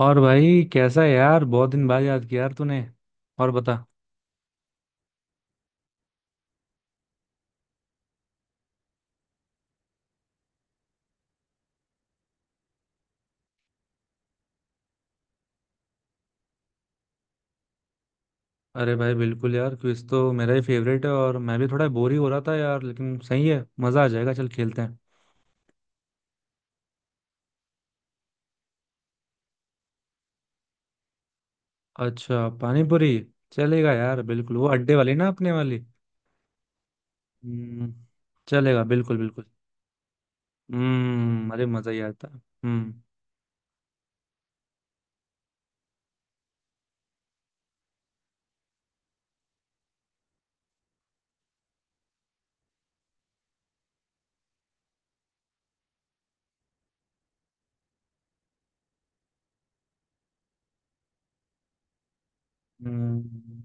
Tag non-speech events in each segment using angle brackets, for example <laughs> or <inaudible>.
और भाई कैसा है यार। बहुत दिन बाद याद किया यार तूने। और बता। अरे भाई बिल्कुल यार, क्विज तो मेरा ही फेवरेट है और मैं भी थोड़ा बोर ही हो रहा था यार। लेकिन सही है, मजा आ जाएगा, चल खेलते हैं। अच्छा, पानी पूरी। चलेगा यार, बिल्कुल, वो अड्डे वाली ना, अपने वाली। हम्म, चलेगा बिल्कुल बिल्कुल। हम्म। अरे मजा ही आता है। हम्म। हम्म,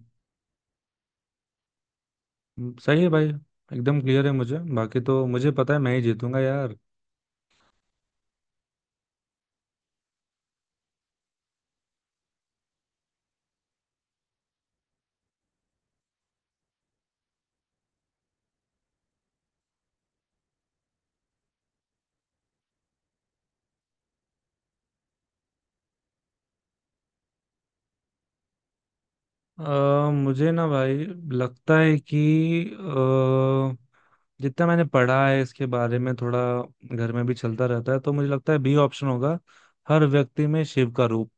सही है भाई। एकदम क्लियर है मुझे। बाकी तो मुझे पता है मैं ही जीतूंगा यार। अ, मुझे ना भाई लगता है कि अ, जितना मैंने पढ़ा है इसके बारे में थोड़ा, घर में भी चलता रहता है, तो मुझे लगता है बी ऑप्शन होगा, हर व्यक्ति में शिव का रूप।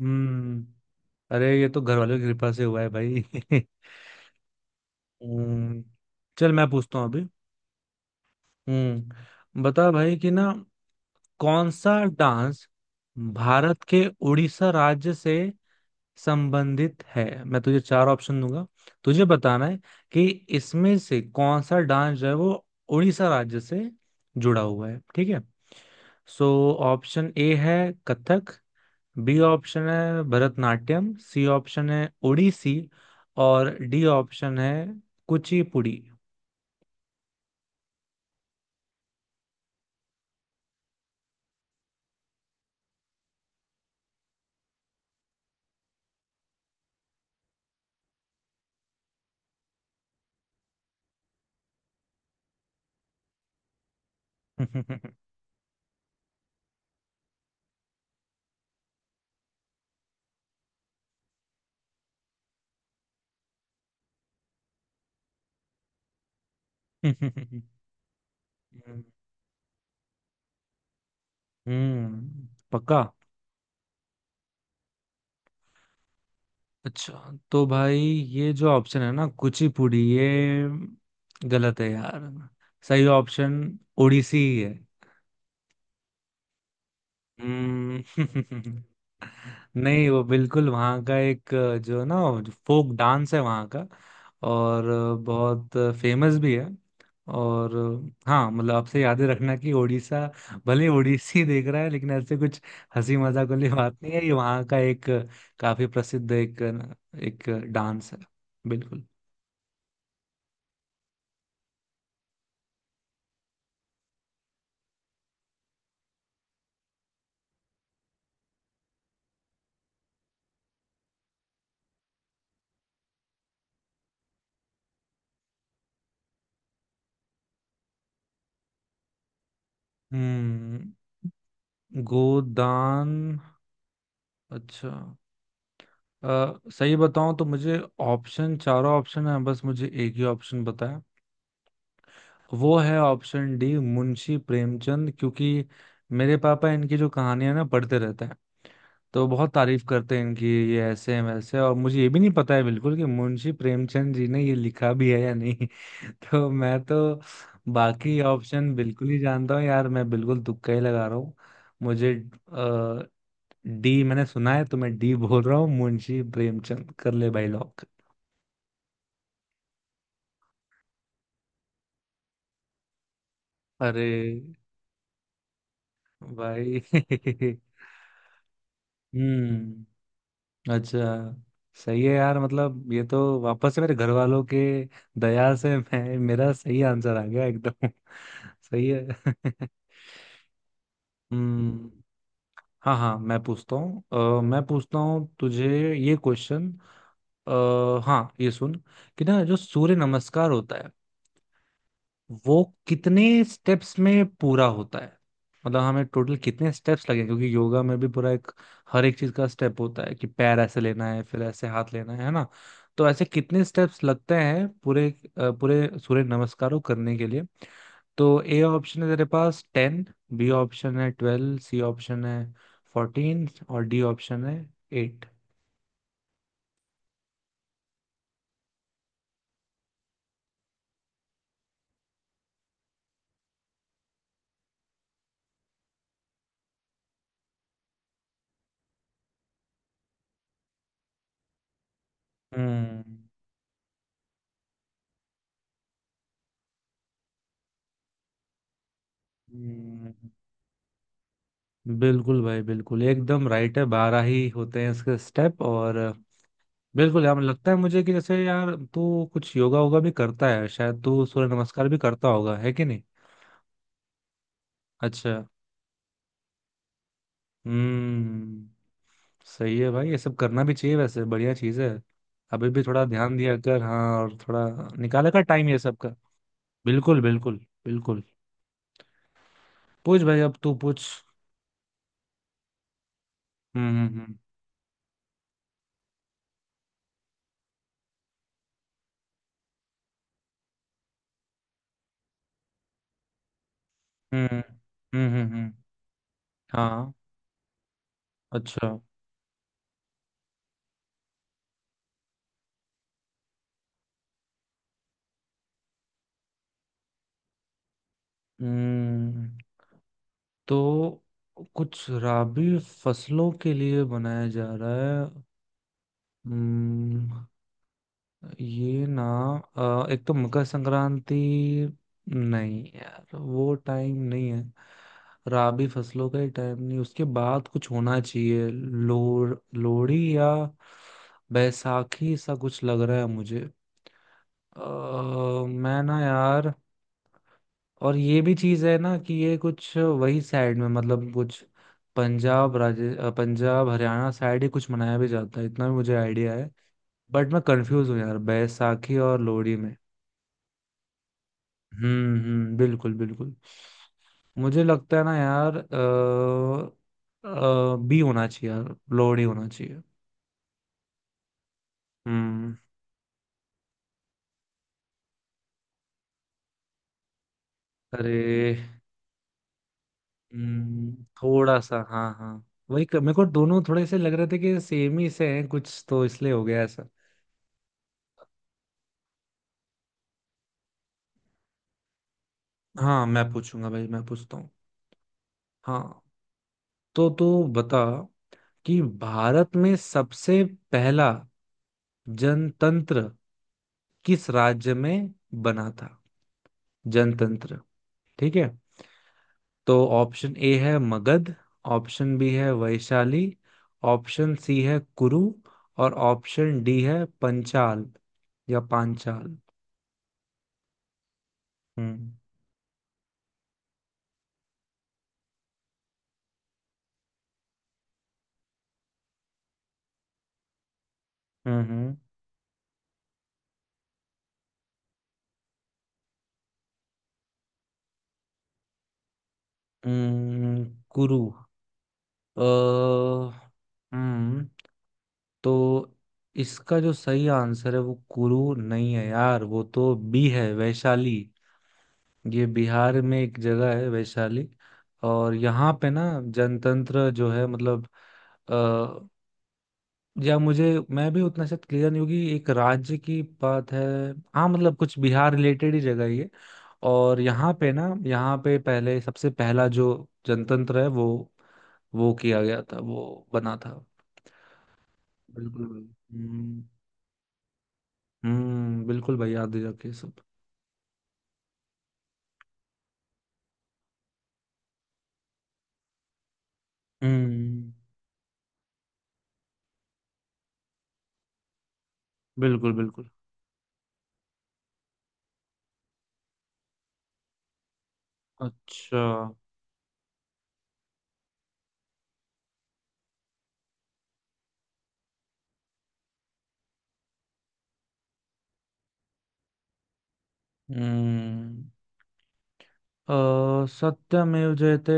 हम्म। अरे ये तो घर वालों की कृपा से हुआ है भाई। <laughs> हम्म। चल मैं पूछता हूँ अभी। हम्म, बता भाई कि ना, कौन सा डांस भारत के उड़ीसा राज्य से संबंधित है। मैं तुझे चार ऑप्शन दूंगा। तुझे बताना है कि इसमें से कौन सा डांस जो है वो उड़ीसा राज्य से जुड़ा हुआ है, ठीक है। सो, ऑप्शन ए है कथक, बी ऑप्शन है भरतनाट्यम, सी ऑप्शन है ओडिसी, और डी ऑप्शन है कुचिपुड़ी। <laughs> हम्म, पक्का? अच्छा, तो भाई ये जो ऑप्शन है ना कुचिपुड़ी, ये गलत है यार। सही ऑप्शन ओडिसी ही है। हम्म। <laughs> नहीं, वो बिल्कुल वहाँ का एक जो ना, जो फोक डांस है वहाँ का, और बहुत फेमस भी है। और हाँ, मतलब आपसे याद ही रखना कि ओडिशा भले ओडिसी देख रहा है लेकिन ऐसे कुछ हंसी मजाक वाली बात नहीं है। ये वहाँ का एक काफी प्रसिद्ध एक एक डांस है, बिल्कुल। हम्म। गोदान। अच्छा। सही बताऊं तो मुझे ऑप्शन, चारों ऑप्शन है, बस मुझे एक ही ऑप्शन बताया। वो है ऑप्शन डी, मुंशी प्रेमचंद, क्योंकि मेरे पापा इनकी जो कहानियां ना पढ़ते रहते हैं, तो बहुत तारीफ करते हैं इनकी। ये ऐसे हैं, वैसे हैं, और मुझे ये भी नहीं पता है बिल्कुल कि मुंशी प्रेमचंद जी ने ये लिखा भी है या नहीं। <laughs> तो मैं तो बाकी ऑप्शन बिल्कुल ही जानता हूँ यार, मैं बिल्कुल तुक्का ही लगा रहा हूँ। मुझे डी मैंने सुना है, तो मैं डी बोल रहा हूँ। मुंशी प्रेमचंद, कर ले भाई लॉक। अरे भाई। <laughs> हम्म। अच्छा, सही है यार। मतलब ये तो वापस से मेरे घर वालों के दया से मैं, मेरा सही आंसर आ गया एकदम। <laughs> सही है। <laughs> हम्म। हाँ हाँ, मैं पूछता हूँ। मैं पूछता हूँ तुझे ये क्वेश्चन। हाँ, ये सुन, कि ना जो सूर्य नमस्कार होता है, वो कितने स्टेप्स में पूरा होता है। मतलब हमें टोटल कितने स्टेप्स लगे, क्योंकि योगा में भी पूरा एक, हर एक चीज का स्टेप होता है कि पैर ऐसे लेना है, फिर ऐसे हाथ लेना है ना। तो ऐसे कितने स्टेप्स लगते हैं पूरे, पूरे सूर्य नमस्कारों करने के लिए। तो ए ऑप्शन है तेरे पास 10, बी ऑप्शन है 12, सी ऑप्शन है 14, और डी ऑप्शन है 8। हम्म। हम्म, बिल्कुल भाई बिल्कुल, एकदम राइट है, 12 ही होते हैं इसके स्टेप। और बिल्कुल यार, लगता है मुझे कि जैसे यार तू कुछ योगा वोगा भी करता है, शायद तू सूर्य नमस्कार भी करता होगा, है कि नहीं। अच्छा। हम्म, सही है भाई। ये सब करना भी चाहिए वैसे, बढ़िया चीज है। अभी भी थोड़ा ध्यान दिया कर, हाँ। और थोड़ा निकाला कर टाइम, ये सब का। बिल्कुल, बिल्कुल, बिल्कुल। पूछ भाई, अब तू पूछ। हम्म। हम्म। हम्म। हम्म। हम्म। हाँ, अच्छा। हम्म। तो कुछ रबी फसलों के लिए बनाया जा रहा है। हम्म। ये ना, एक तो मकर संक्रांति, नहीं यार, वो टाइम नहीं है। राबी फसलों का ही टाइम नहीं, उसके बाद कुछ होना चाहिए। लोर लोहड़ी या बैसाखी सा कुछ लग रहा है मुझे। मैं ना यार, और ये भी चीज है ना कि ये कुछ वही साइड में, मतलब कुछ पंजाब हरियाणा साइड ही कुछ मनाया भी जाता है, इतना भी मुझे आइडिया है। बट मैं कंफ्यूज हूँ यार, बैसाखी और लोहड़ी में। हम्म। हम्म, बिल्कुल बिल्कुल। मुझे लगता है ना यार, बी होना चाहिए यार, लोड ही होना चाहिए। हम्म। अरे। हम्म, थोड़ा सा, हाँ हाँ। वही मेरे को दोनों थोड़े से लग रहे थे कि सेम ही से हैं कुछ, तो इसलिए हो गया ऐसा। हाँ, मैं पूछूंगा भाई, मैं पूछता हूँ। हाँ, तो तू बता कि भारत में सबसे पहला जनतंत्र किस राज्य में बना था। जनतंत्र, ठीक है। तो ऑप्शन ए है मगध, ऑप्शन बी है वैशाली, ऑप्शन सी है कुरु, और ऑप्शन डी है पंचाल या पांचाल। हम्म। हम्म। हम्म, कुरु। अ हम्म, तो इसका जो सही आंसर है वो कुरु नहीं है यार, वो तो बी है, वैशाली। ये बिहार में एक जगह है वैशाली। और यहाँ पे ना, जनतंत्र जो है, मतलब, या मुझे, मैं भी उतना शायद क्लियर नहीं होगी, एक राज्य की बात है। हाँ, मतलब कुछ बिहार रिलेटेड ही जगह ही है। और यहाँ पे ना, यहाँ पे पहले सबसे पहला जो जनतंत्र है, वो किया गया था, वो बना था। बिल्कुल भाई। हम्म। हम्म, बिल्कुल भाई, याद दिला के सब। हम्म, बिल्कुल बिल्कुल। अच्छा। हम्म। सत्यमेव जयते,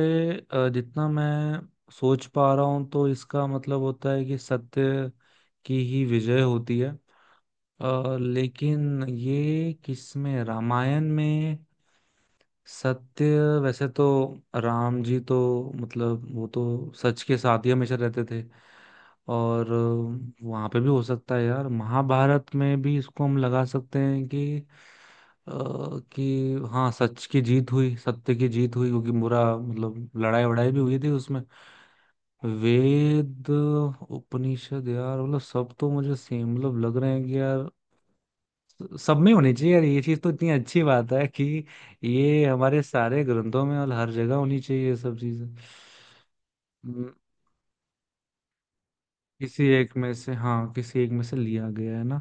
जितना मैं सोच पा रहा हूँ, तो इसका मतलब होता है कि सत्य की ही विजय होती है। लेकिन ये किसमें? रामायण में सत्य? वैसे तो राम जी तो, मतलब वो तो सच के साथ ही हमेशा रहते थे। और वहां पे भी हो सकता है यार, महाभारत में भी इसको हम लगा सकते हैं अ, कि हाँ सच की जीत हुई, सत्य की जीत हुई, क्योंकि बुरा मतलब लड़ाई वड़ाई भी हुई थी उसमें। वेद, उपनिषद, यार मतलब सब तो मुझे सेम मतलब लग रहे हैं कि यार, सब में होनी चाहिए यार ये चीज। तो इतनी अच्छी बात है कि ये हमारे सारे ग्रंथों में और हर जगह होनी चाहिए, ये सब चीजें। हम्म, किसी एक में से, हाँ, किसी एक में से लिया गया है ना।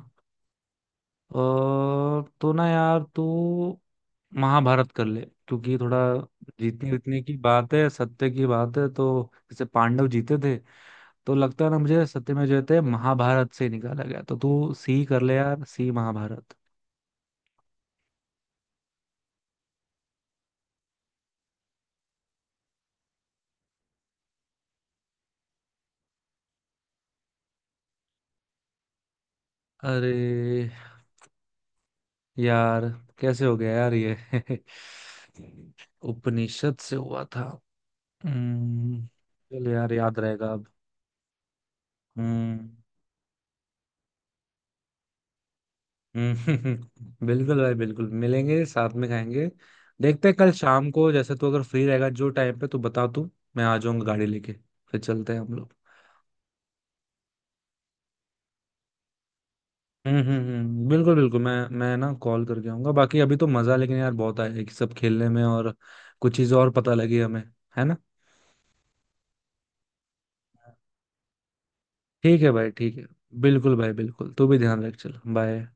और तो ना यार, तू महाभारत कर ले, क्योंकि थोड़ा जीतने जीतने की बात है, सत्य की बात है, तो जैसे पांडव जीते थे। तो लगता है ना मुझे, सत्य में जो थे, महाभारत से निकाला गया, तो तू सी कर ले यार, सी महाभारत। अरे यार, कैसे हो गया यार ये? <laughs> उपनिषद से हुआ था। हम्म। चलो यार, याद रहेगा अब। हम्म। हम्म। <laughs> बिल्कुल भाई बिल्कुल, मिलेंगे, साथ में खाएंगे। देखते हैं कल शाम को, जैसे तू अगर फ्री रहेगा जो टाइम पे, तू बता तू, मैं आ जाऊंगा गाड़ी लेके, फिर चलते हैं हम लोग। हम्म। हम्म। बिल्कुल बिल्कुल, मैं ना कॉल करके आऊंगा। बाकी अभी तो मजा लेकिन यार बहुत आया कि सब खेलने में, और कुछ चीजें और पता लगी हमें, है ना। ठीक है भाई, ठीक है। बिल्कुल भाई बिल्कुल, तू भी ध्यान रख, चल बाय।